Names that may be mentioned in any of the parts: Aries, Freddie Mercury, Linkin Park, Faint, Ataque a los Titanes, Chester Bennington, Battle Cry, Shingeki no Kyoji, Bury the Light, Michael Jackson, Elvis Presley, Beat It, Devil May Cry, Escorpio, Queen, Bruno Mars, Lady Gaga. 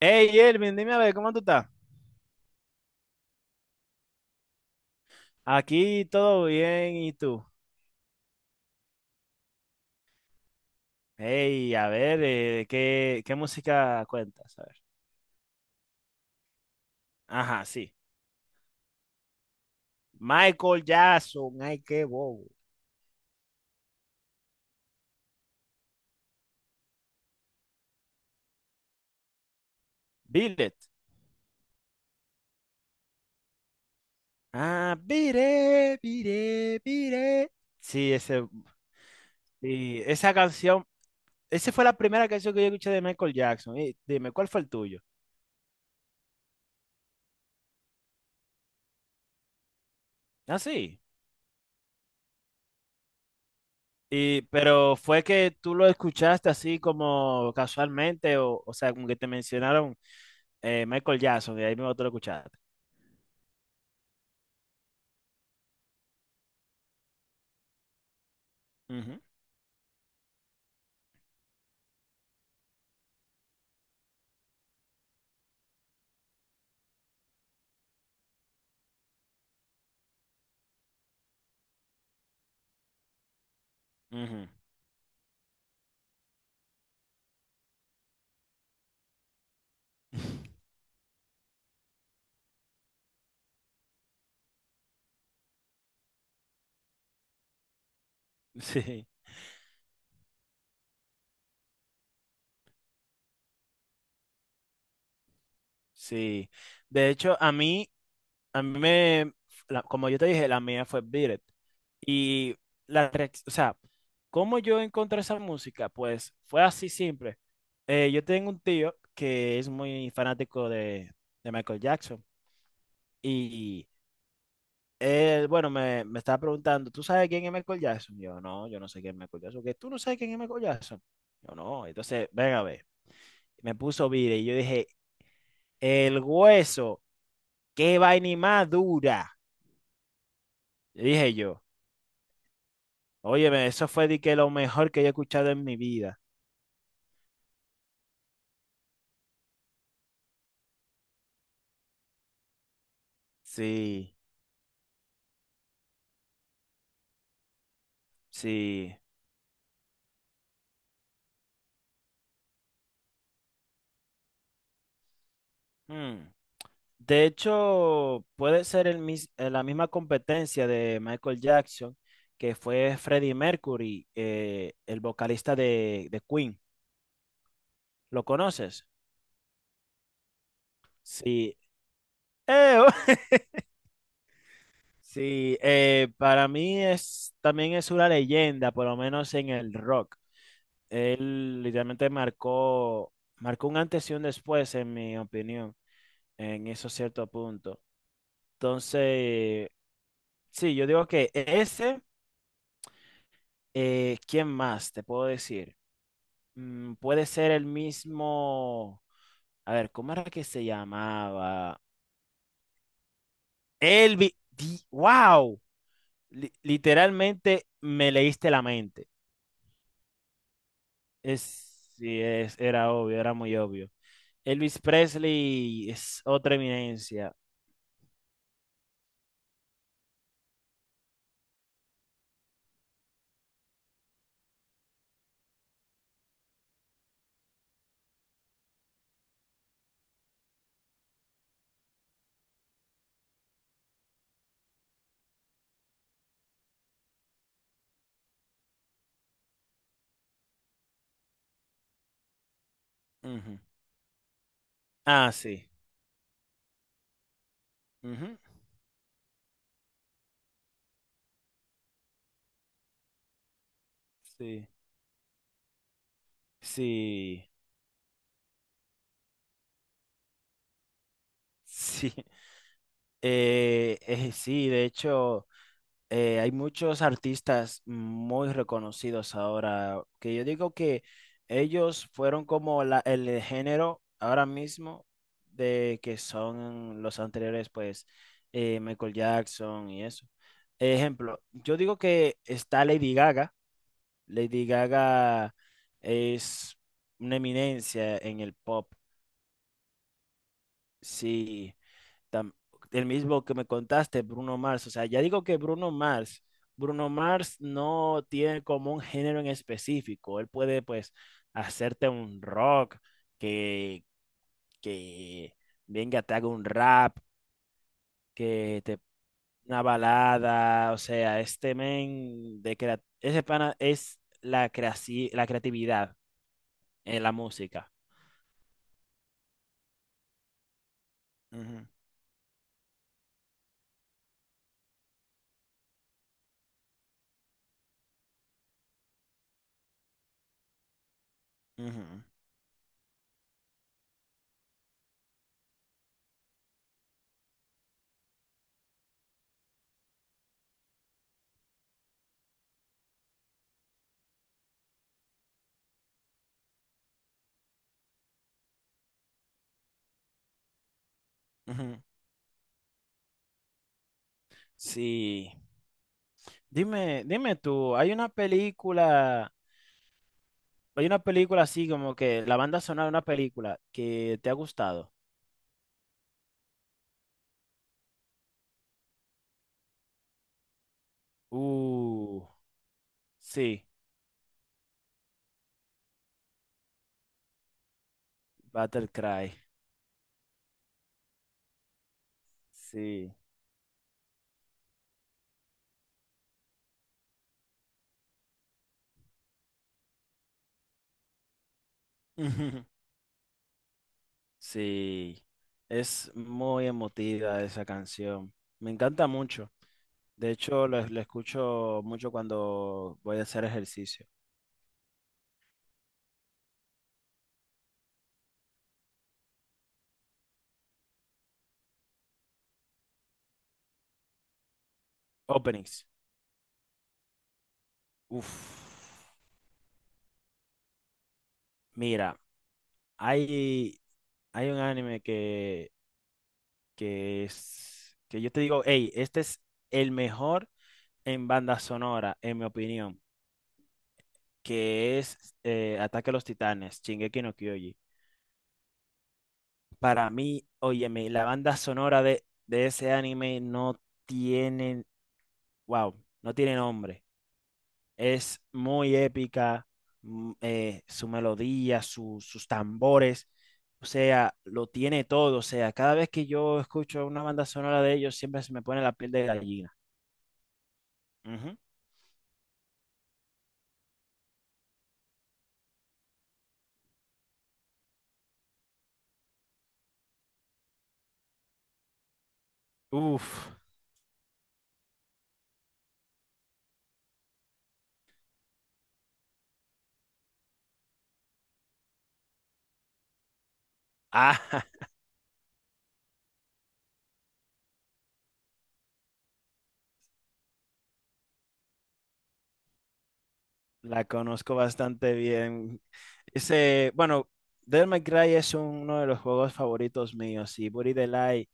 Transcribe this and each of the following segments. Hey, Elvin, dime a ver, ¿cómo tú estás? Aquí todo bien, ¿y tú? Hey, a ver, ¿qué música cuentas? A ver. Ajá, sí. Michael Jackson, ay, qué bobo. Beat It. Ah, Beat It, Beat It, Beat It. Sí, ese, y esa canción, esa fue la primera canción que yo escuché de Michael Jackson. Y dime, ¿cuál fue el tuyo? Ah, sí. Y, pero fue que tú lo escuchaste así como casualmente, o sea, como que te mencionaron. Michael Jackson, y ahí mismo tú lo escuchaste. Ujú, ujú. Sí, sí. De hecho, a mí me, la- como yo te dije, la mía fue Beat It. Y la reacción, o sea, ¿cómo yo encontré esa música? Pues fue así simple. Yo tengo un tío que es muy fanático de Michael Jackson. Y él, bueno, me estaba preguntando, ¿tú sabes quién es Michael Jackson? Yo, no, yo no sé quién es Michael Jackson. ¿Qué? ¿Tú no sabes quién es Michael Jackson? Yo, no. Entonces, ven a ver. Me puso vire y yo dije, el hueso, qué vaina y más dura. Y dije yo, óyeme, eso fue de que lo mejor que yo he escuchado en mi vida. Sí, sí. Hmm. De hecho, puede ser el mis- la misma competencia de Michael Jackson, que fue Freddie Mercury, el vocalista de Queen. ¿Lo conoces? Sí. Eh, Sí, para mí es, también es una leyenda, por lo menos en el rock. Él literalmente marcó un antes y un después, en mi opinión, en eso cierto punto. Entonces, sí, yo digo que ¿quién más te puedo decir? Mm, puede ser el mismo, a ver, ¿cómo era que se llamaba? Wow, literalmente me leíste la mente. Era obvio, era muy obvio. Elvis Presley es otra eminencia. Ujú. Ah, sí. Ujú. Sí, sí, sí. Sí, de hecho, hay muchos artistas muy reconocidos ahora, que yo digo que ellos fueron como el género ahora mismo de que son los anteriores, pues, Michael Jackson y eso. Ejemplo, yo digo que está Lady Gaga. Lady Gaga es una eminencia en el pop. Sí, tam- el mismo que me contaste, Bruno Mars. O sea, ya digo que Bruno Mars no tiene como un género en específico. Él puede, pues, hacerte un rock, que, que venga, te haga un rap, que te una balada. O sea, ese pana es la creatividad en la música. Ujú, ujú, ujú. Sí. Dime tú, hay una película así como que la banda sonora de una película que te ha gustado. Uh, sí, Battle Cry, sí. Sí, es muy emotiva esa canción. Me encanta mucho. De hecho, la escucho mucho cuando voy a hacer ejercicio. Openings. Uf. Mira, hay, hay un anime que es, que yo te digo, hey, este es el mejor en banda sonora, en mi opinión, que es Ataque a los Titanes, Shingeki no Kyoji. Para mí, óyeme, la banda sonora de ese anime no tiene, wow, no tiene nombre. Es muy épica, su melodía, sus tambores, o sea, lo tiene todo. O sea, cada vez que yo escucho una banda sonora de ellos, siempre se me pone la piel de gallina. Ujú. Uf, ah, la conozco bastante bien. Ese, bueno, Devil May Cry es uno de los juegos favoritos míos y Buri the Light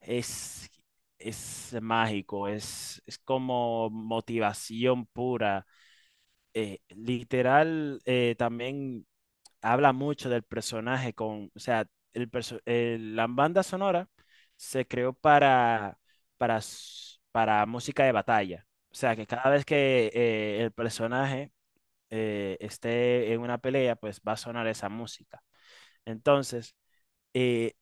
es, es mágico, es como motivación pura. Literal, también habla mucho del personaje con, o sea, la banda sonora se creó para música de batalla. O sea, que cada vez que el personaje esté en una pelea, pues va a sonar esa música. Entonces, eh,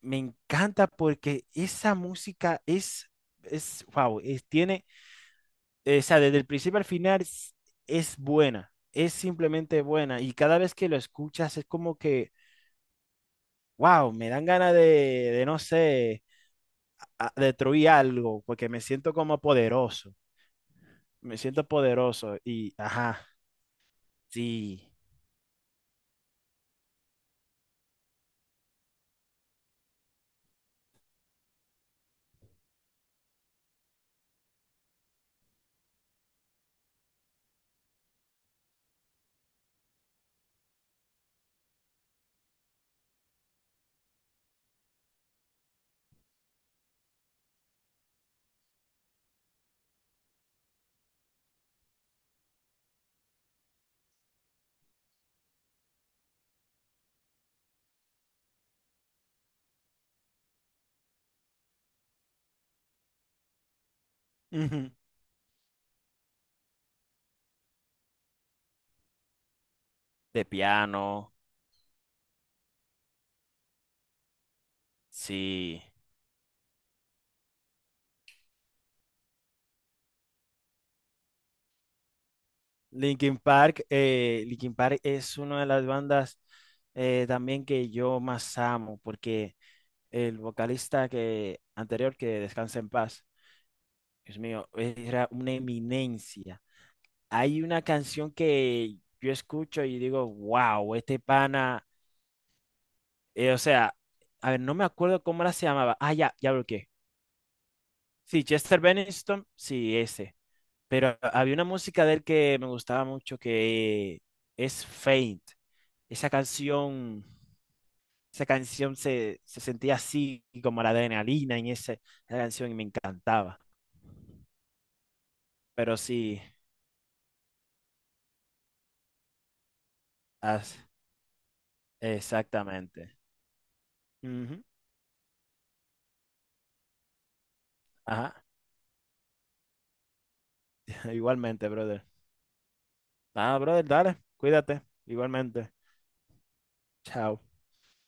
me encanta porque esa música wow, es, tiene, o sea, desde el principio al final es buena, es simplemente buena. Y cada vez que lo escuchas es como que wow, me dan ganas de no sé, destruir algo, porque me siento como poderoso, me siento poderoso y, ajá, sí, ujú. De piano, sí. Linkin Park es una de las bandas también que yo más amo, porque el vocalista que, anterior, que descansa en paz, Dios mío, era una eminencia. Hay una canción que yo escucho y digo, wow, este pana. O sea, a ver, no me acuerdo cómo era se llamaba. Ah, ya, ya bloqueé. Sí, Chester Bennington, sí, ese. Pero había una música de él que me gustaba mucho que es Faint. Esa canción, esa canción se sentía así, como la adrenalina en esa canción y me encantaba. Pero sí, as- exactamente. Ujú, ajá, igualmente, brother. Ah, brother, dale, cuídate, igualmente. Chao.